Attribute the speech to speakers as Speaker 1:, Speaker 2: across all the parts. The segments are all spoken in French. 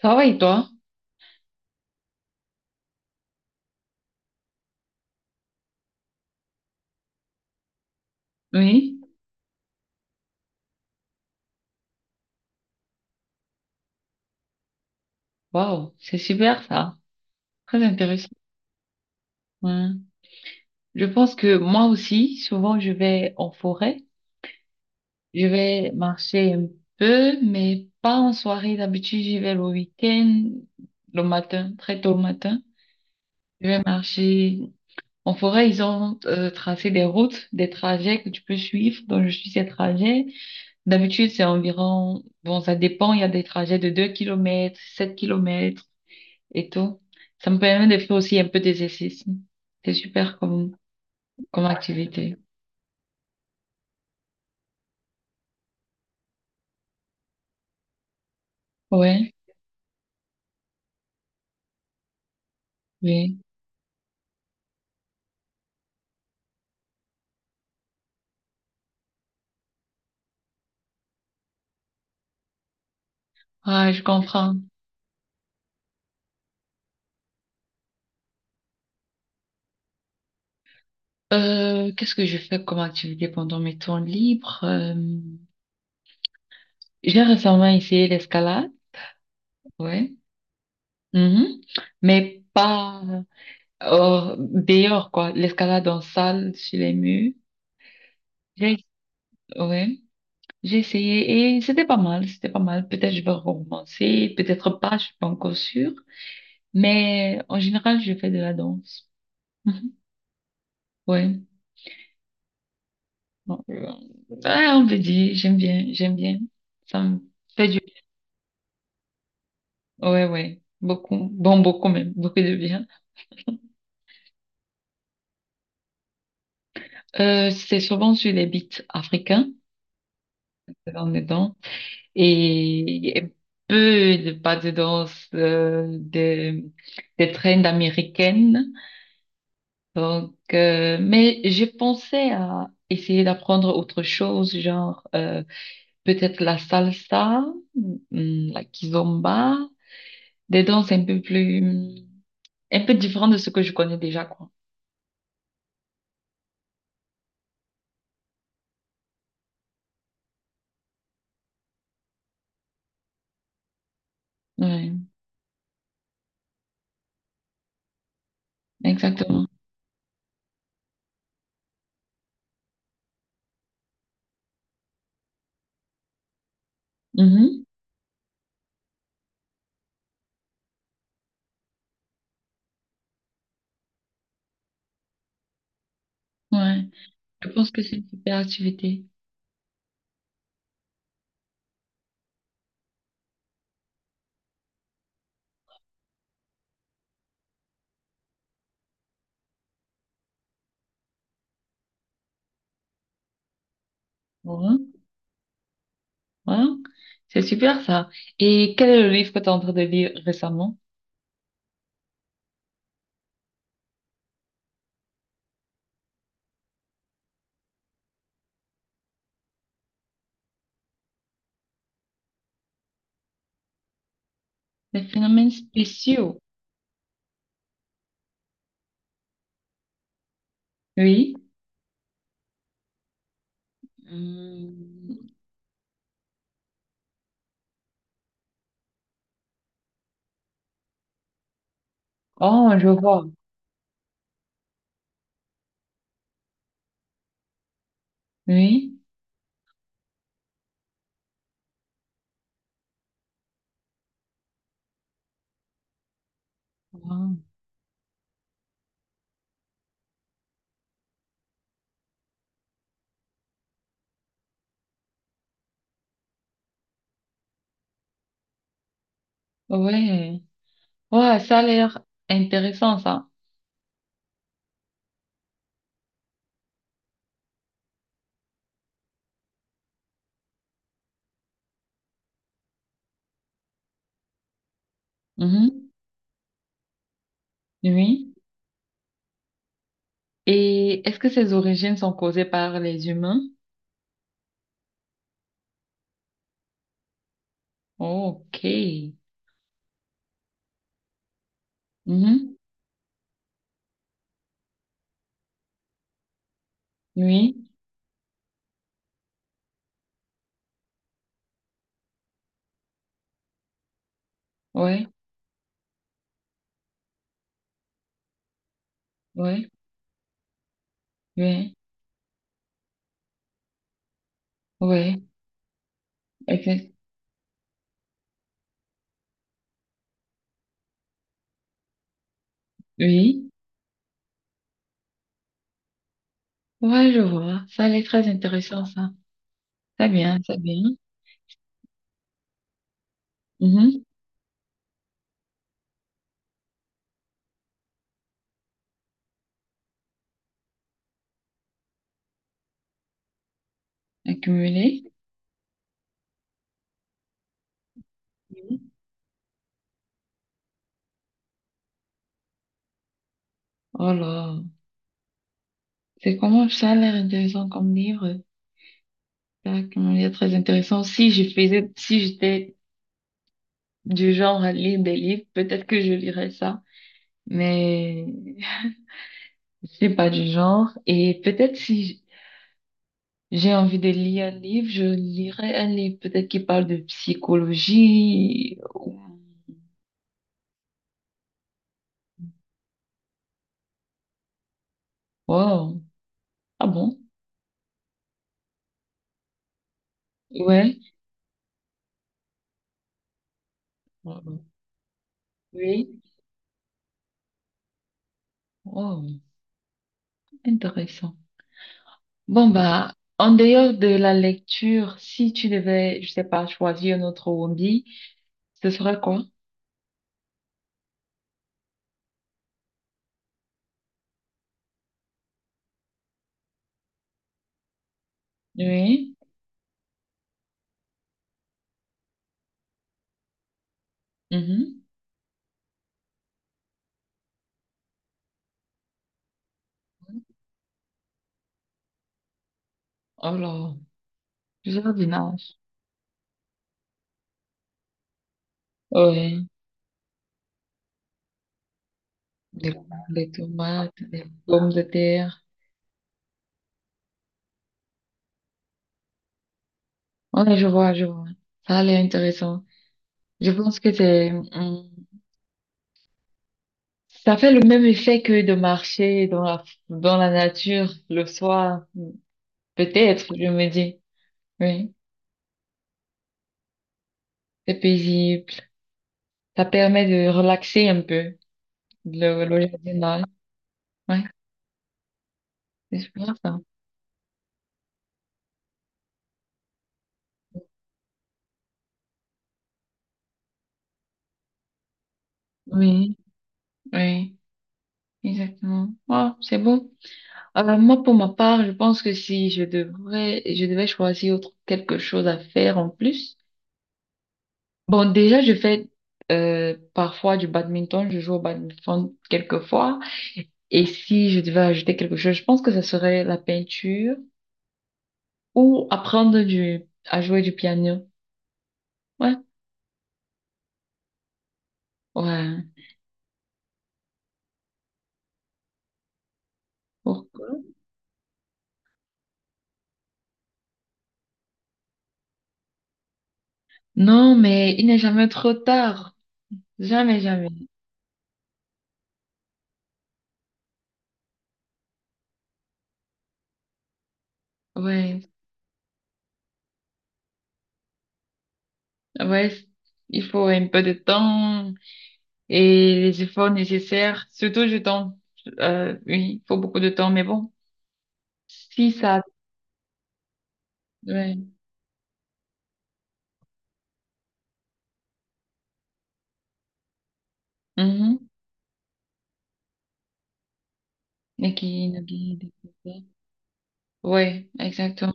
Speaker 1: Ça va et toi? Oui. Waouh, c'est super ça. Très intéressant. Ouais. Je pense que moi aussi, souvent, je vais en forêt. Je vais marcher un peu, mais pas en soirée. D'habitude, j'y vais le week-end, le matin, très tôt le matin. Je vais marcher en forêt. Ils ont tracé des routes, des trajets que tu peux suivre. Donc, je suis ces trajets. D'habitude, c'est environ, bon, ça dépend. Il y a des trajets de 2 kilomètres, 7 kilomètres. Et tout. Ça me permet de faire aussi un peu d'exercice. C'est super comme, comme activité. Ouais, oui. Ah, je comprends. Qu'est-ce que je fais comme activité pendant mes temps libres? J'ai récemment essayé l'escalade, ouais. Mhm. Mais pas dehors, quoi. L'escalade en salle, sur les murs. J'ai, ouais. J'ai essayé et c'était pas mal, c'était pas mal. Peut-être je vais recommencer, peut-être pas, je suis pas encore sûre. Mais en général, je fais de la danse. Mhm. Ouais. Donc, ouais, on peut dire, j'aime bien. Ça me fait du... Ouais, ouais. Beaucoup. Bon, beaucoup même. Beaucoup de bien. C'est souvent sur les beats africains, dans est danses et peu de pas de danse, des trends américaines. Donc, mais je pensais à essayer d'apprendre autre chose, genre... peut-être la salsa, mm, la kizomba, des danses un peu plus, un peu différentes de ce que je connais déjà, quoi. Ouais, exactement. Mhm. Ouais, je pense que c'est une super activité. Ouais, ouais. C'est super ça. Et quel est le livre que tu es en train de lire récemment? Les phénomènes spéciaux. Oui. Hmm. Oh, je vois. Oui. Wow. Ouais. Ouais, ça a l'air intéressant ça. Mhm. Oui. Et est-ce que ces origines sont causées par les humains? Ok. Mhm. Oui, ouais, ouais, ouais, ouais, exact. Oui, ouais, je vois. Ça a l'air très intéressant, ça. Très bien, très bien. Mhm. Accumuler. Mhm. Oh là, c'est comment ça a l'air intéressant comme livre? Ça a l'air très intéressant. Si je faisais, si j'étais du genre à lire des livres, peut-être que je lirais ça. Mais je suis pas du genre. Et peut-être si j'ai envie de lire un livre, je lirai un livre peut-être qui parle de psychologie. Wow. Ah bon? Ouais. Oui. Wow. Intéressant. Bon, bah, en dehors de la lecture, si tu devais, je sais pas, choisir un autre hobby, ce serait quoi? Oui. Mhm. Alors, jardinage. Oui. Des, des tomates, des pommes de terre. Ouais, je vois, je vois. Ça a l'air intéressant. Je pense que c'est, ça fait le même effet que de marcher dans la nature le soir. Peut-être, je me dis. Oui, c'est paisible. Ça permet de relaxer un peu le jardinage. Ouais, c'est super ça. Oui, oui, exactement. Oh, c'est bon. Alors, moi, pour ma part, je pense que si je devrais, je devais choisir autre, quelque chose à faire en plus. Bon, déjà, je fais parfois du badminton. Je joue au badminton quelquefois. Et si je devais ajouter quelque chose, je pense que ça serait la peinture ou apprendre du, à jouer du piano. Ouais, ouais. Pourquoi? Non, mais il n'est jamais trop tard. Jamais, jamais. Ouais, ouais. c- Il faut un peu de temps et les efforts nécessaires, surtout du temps. Oui, il faut beaucoup de temps, mais bon, si ça, ouais. Mhm. Et qui nous guide. Etc. Ouais, exactement,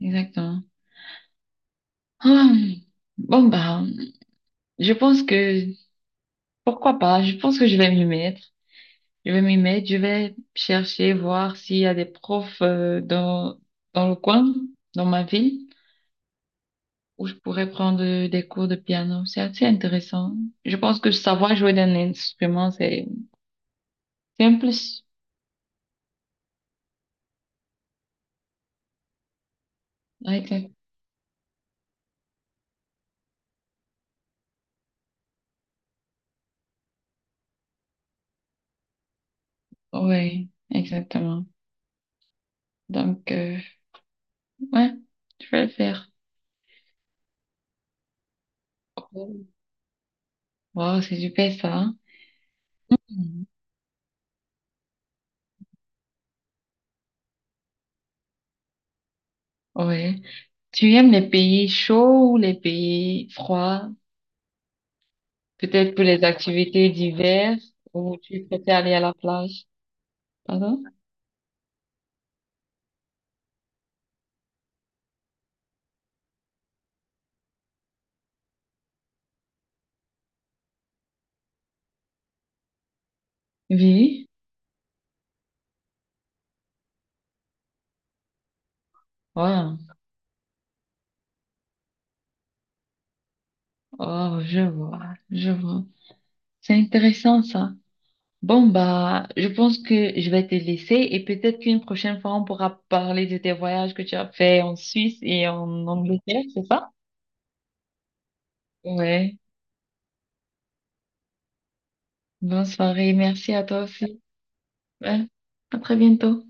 Speaker 1: exactement. Ah, bon, bah. Je pense que, pourquoi pas, je pense que je vais m'y mettre. Je vais m'y mettre, je vais chercher, voir s'il y a des profs dans, dans le coin, dans ma ville, où je pourrais prendre des cours de piano. C'est assez intéressant. Je pense que savoir jouer d'un instrument, c'est un plus. Exact. Oui, exactement. Donc, ouais, je vais le faire. Wow, c'est super ça. Mhm. Ouais. Tu aimes les pays chauds ou les pays froids? Peut-être pour les activités diverses ou tu préfères aller à la plage. Pardon? Oui. Ouais. Oh, je vois. Je vois. C'est intéressant ça. Bon, bah, je pense que je vais te laisser et peut-être qu'une prochaine fois, on pourra parler de tes voyages que tu as fait en Suisse et en Angleterre, c'est ça? Ouais. Bonne soirée. Merci à toi aussi. Ouais. À très bientôt.